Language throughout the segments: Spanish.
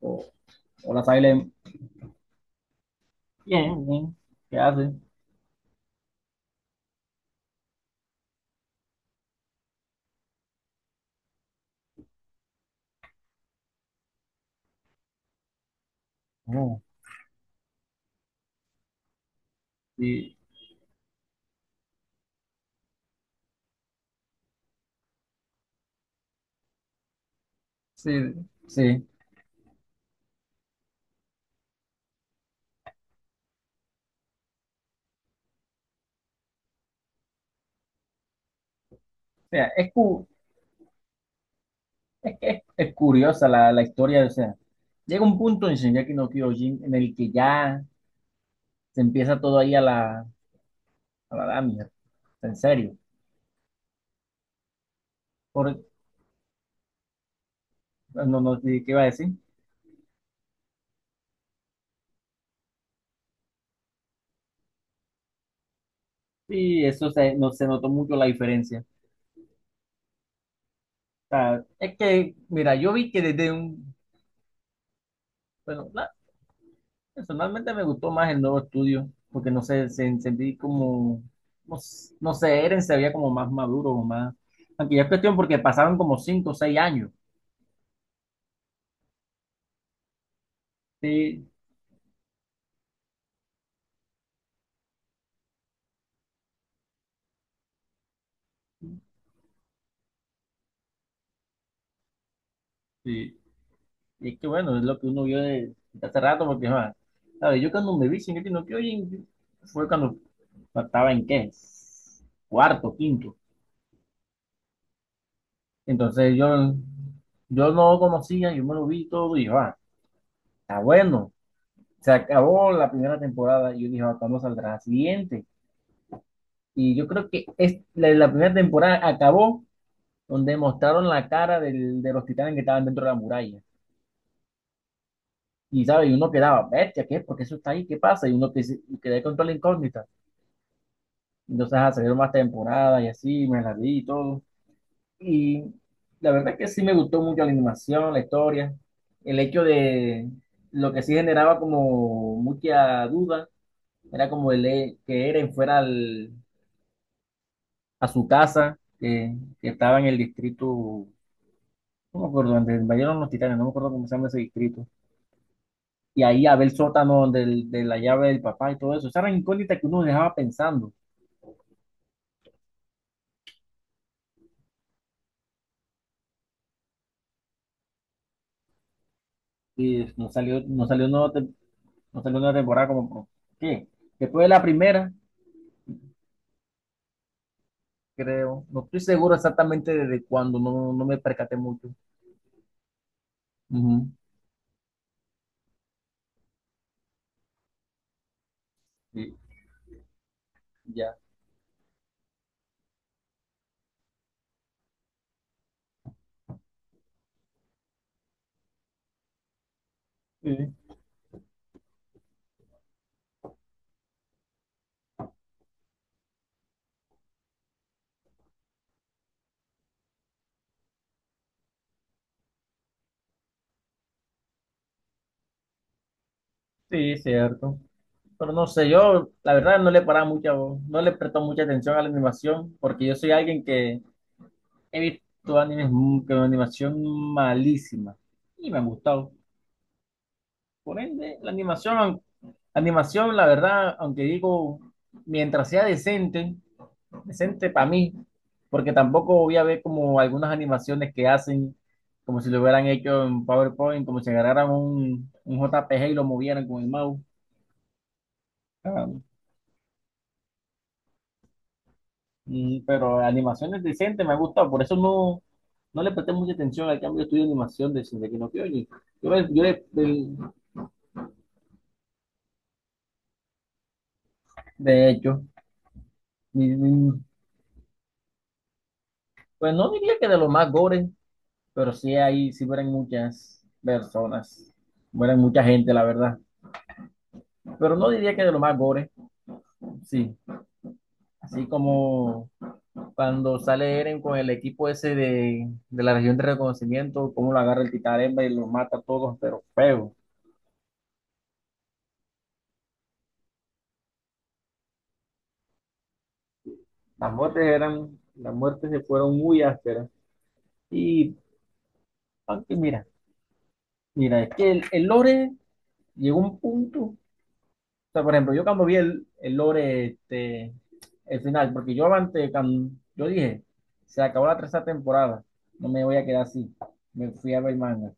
O, hola, Silent. Bien, bien. ¿Qué hace? Oh, sí, sí, sí. O sea, es, cu- es, que es curiosa la historia. O sea, llega un punto en Shingeki no Kyojin en el que ya se empieza todo ahí a a la damia. En serio. Por, no, no, sí, ¿qué iba a decir? Sí, no, se notó mucho la diferencia. O sea, es que, mira, yo vi que desde un... Bueno, personalmente me gustó más el nuevo estudio, porque no sé, sentí como, no, no sé, Eren se veía como más maduro o más. Aunque ya es cuestión porque pasaron como 5 o 6 años. Sí, sí. Y es que bueno, es lo que uno vio de hace rato, porque ¿sabes? Yo cuando me vi Shingeki no Kyojin fue cuando estaba en qué, cuarto, quinto. Entonces yo no conocía, yo me lo vi todo y dije, ah, está bueno. Se acabó la primera temporada y yo dije, ah, ¿cuándo saldrá la siguiente? Y yo creo que es, la primera temporada acabó donde mostraron la cara de los titanes que estaban dentro de la muralla. Y, ¿sabes? Y uno quedaba, bestia, ¿qué? ¿Por qué eso está ahí? ¿Qué pasa? Y quedé con toda la incógnita. Entonces, ah, salieron más temporadas y así, me las vi y todo. Y la verdad es que sí me gustó mucho la animación, la historia, el hecho de lo que sí generaba como mucha duda, era como el que Eren fuera a su casa, que estaba en el distrito. No me acuerdo, donde invadieron los titanes, no me acuerdo cómo se llama ese distrito. Y ahí a ver el sótano de la llave del papá y todo eso. Esa era incógnita que uno dejaba pensando. Y nos salió, nos salió, una tem- Nos salió una temporada ¿qué? Después de la primera, creo. No estoy seguro exactamente desde cuándo, no, no me percaté mucho. Ujú. Sí, ya. Sí, sí, cierto. Pero no sé, yo la verdad no le paraba mucha, no le presto mucha atención a la animación, porque yo soy alguien que he visto animes con animación malísima y me han gustado. Por ende, animación, la verdad, aunque digo, mientras sea decente, decente para mí, porque tampoco voy a ver como algunas animaciones que hacen, como si lo hubieran hecho en PowerPoint, como si agarraran un JPG y lo movieran con el mouse. Ah, pero animaciones decentes me han gustado, por eso no, no le presté mucha atención al cambio de estudio de animación de Shingeki no Kyojin. Yo, le- yo le- del- De hecho, y, pues no diría que de lo más gore, pero sí ahí sí mueren muchas personas, mueren mucha gente, la verdad. Pero no diría que de lo más gore, sí. Así como cuando sale Eren con el equipo ese de la región de reconocimiento, cómo lo agarra el titán Hembra y los mata a todos, pero feo. Las muertes eran, las muertes se fueron muy ásperas. Y aunque mira, mira, es que el lore llegó a un punto. O sea, por ejemplo, yo cuando vi el lore, este, el final, porque yo antes, cuando- yo dije, se acabó la tercera temporada, no me voy a quedar así. Me fui a ver manga.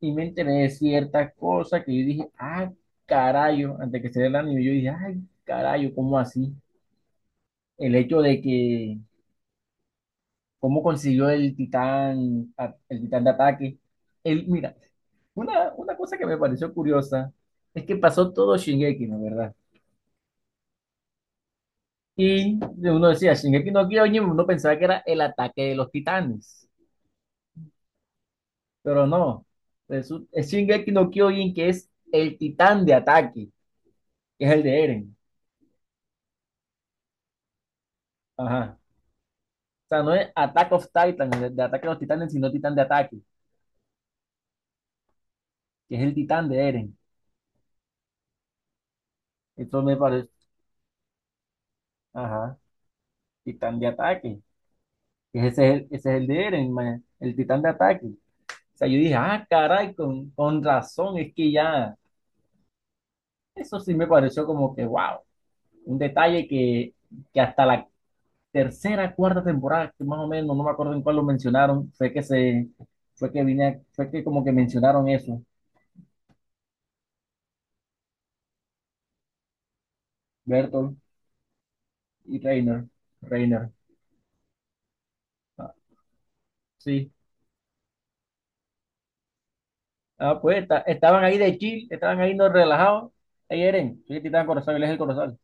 Y me enteré de ciertas cosas que yo dije, ah, carayo, antes que se dé el anime, yo dije, ay, carayo, ¿cómo así? El hecho de que, ¿cómo consiguió el titán, el titán de ataque? Él, mira, una cosa que me pareció curiosa es que pasó todo Shingeki, ¿no? ¿Verdad? Y uno decía, Shingeki no Kyojin, uno pensaba que era el ataque de los titanes, pero no. Es Shingeki no Kyojin que es el titán de ataque, que es el de Eren. Ajá. O sea, no es Attack of Titan, de ataque de los titanes, sino titán de ataque, que es el titán de Eren. Esto me parece, ajá, titán de ataque, que ese es el de Eren, man, el titán de ataque. O sea, yo dije, ah, caray, con razón, es que ya, eso sí me pareció como que, wow, un detalle que hasta la tercera, cuarta temporada, que más o menos, no me acuerdo en cuál lo mencionaron, fue que vine, fue que como que mencionaron eso, Bertolt y Reiner, Reiner. Ah, sí, ah, pues estaban ahí de chill, estaban ahí no relajados, ahí Eren, soy el titán Corozal, él es el Corozal,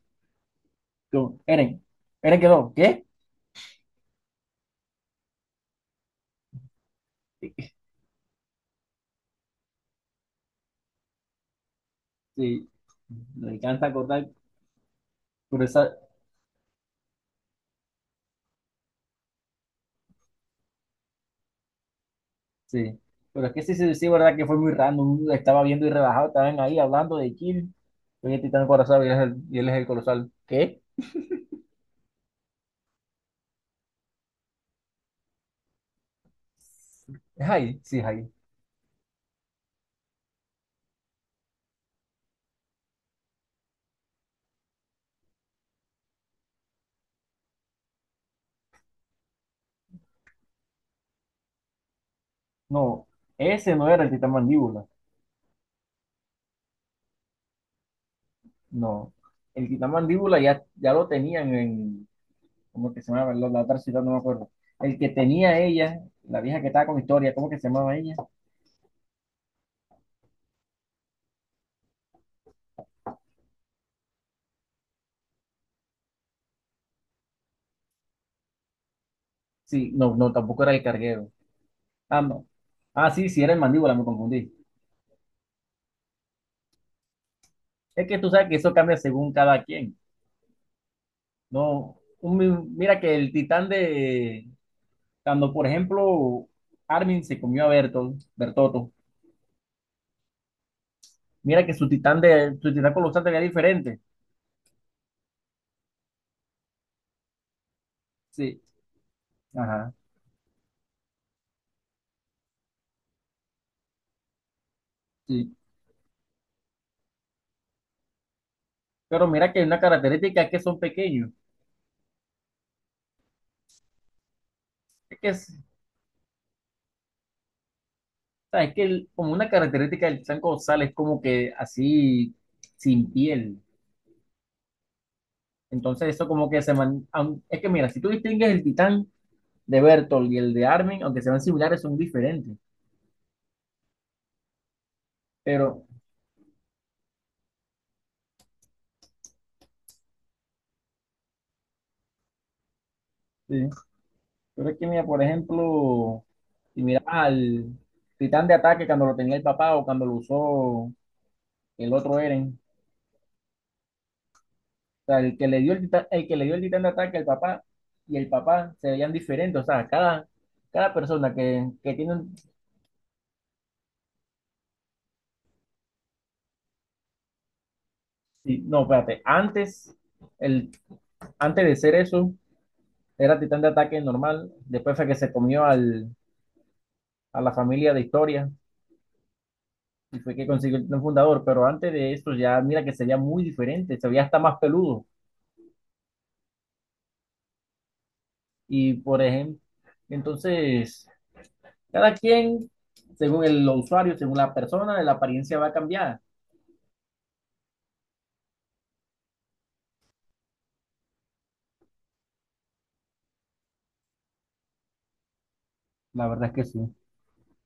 yo, Eren, Eren quedó, ¿qué? Sí, me encanta acordar, pero esa, sí, pero es que sí, sí, sí, verdad que fue muy random, estaba viendo y relajado, estaban ahí hablando de chill, soy el titán Corozal y él es y él es el Corozal, ¿qué? Es ahí, sí, es ahí. No, ese no era el titán mandíbula. No, el titán mandíbula ya lo tenían en, ¿cómo que se llamaba? La otra ciudad, no me acuerdo. El que tenía ella, la vieja que estaba con Historia, ¿cómo que se llamaba ella? Sí, no, no, tampoco era el carguero. Ah, no. Ah, sí, sí, era el mandíbula, me confundí. Es que tú sabes que eso cambia según cada quien. No, mira que el titán de, cuando por ejemplo Armin se comió a Bertolt, Bertotto, mira que su titán de su titán colosal tenía diferente. Sí, ajá, sí. Pero mira que hay una característica es que son pequeños. Es que es, o sea, es que como una característica del titán colosal es como que así sin piel. Entonces eso como que se man, es que mira, si tú distingues el titán de Bertolt y el de Armin, aunque sean similares, son diferentes. Pero, sí, pero es que mira, por ejemplo, si miras al titán de ataque cuando lo tenía el papá o cuando lo usó el otro Eren. O sea, el que le dio el titán, el que le dio el titán de ataque al papá y el papá se veían diferentes. O sea, cada persona que tiene un... Sí, no, espérate. Antes, el, antes de ser eso, era titán de ataque normal. Después fue que se comió al, a la familia de historia y fue que consiguió el titán fundador. Pero antes de eso ya, mira que se veía muy diferente. Se veía hasta más peludo. Y por ejemplo, entonces, cada quien, según el usuario, según la persona, la apariencia va a cambiar. La verdad es que sí.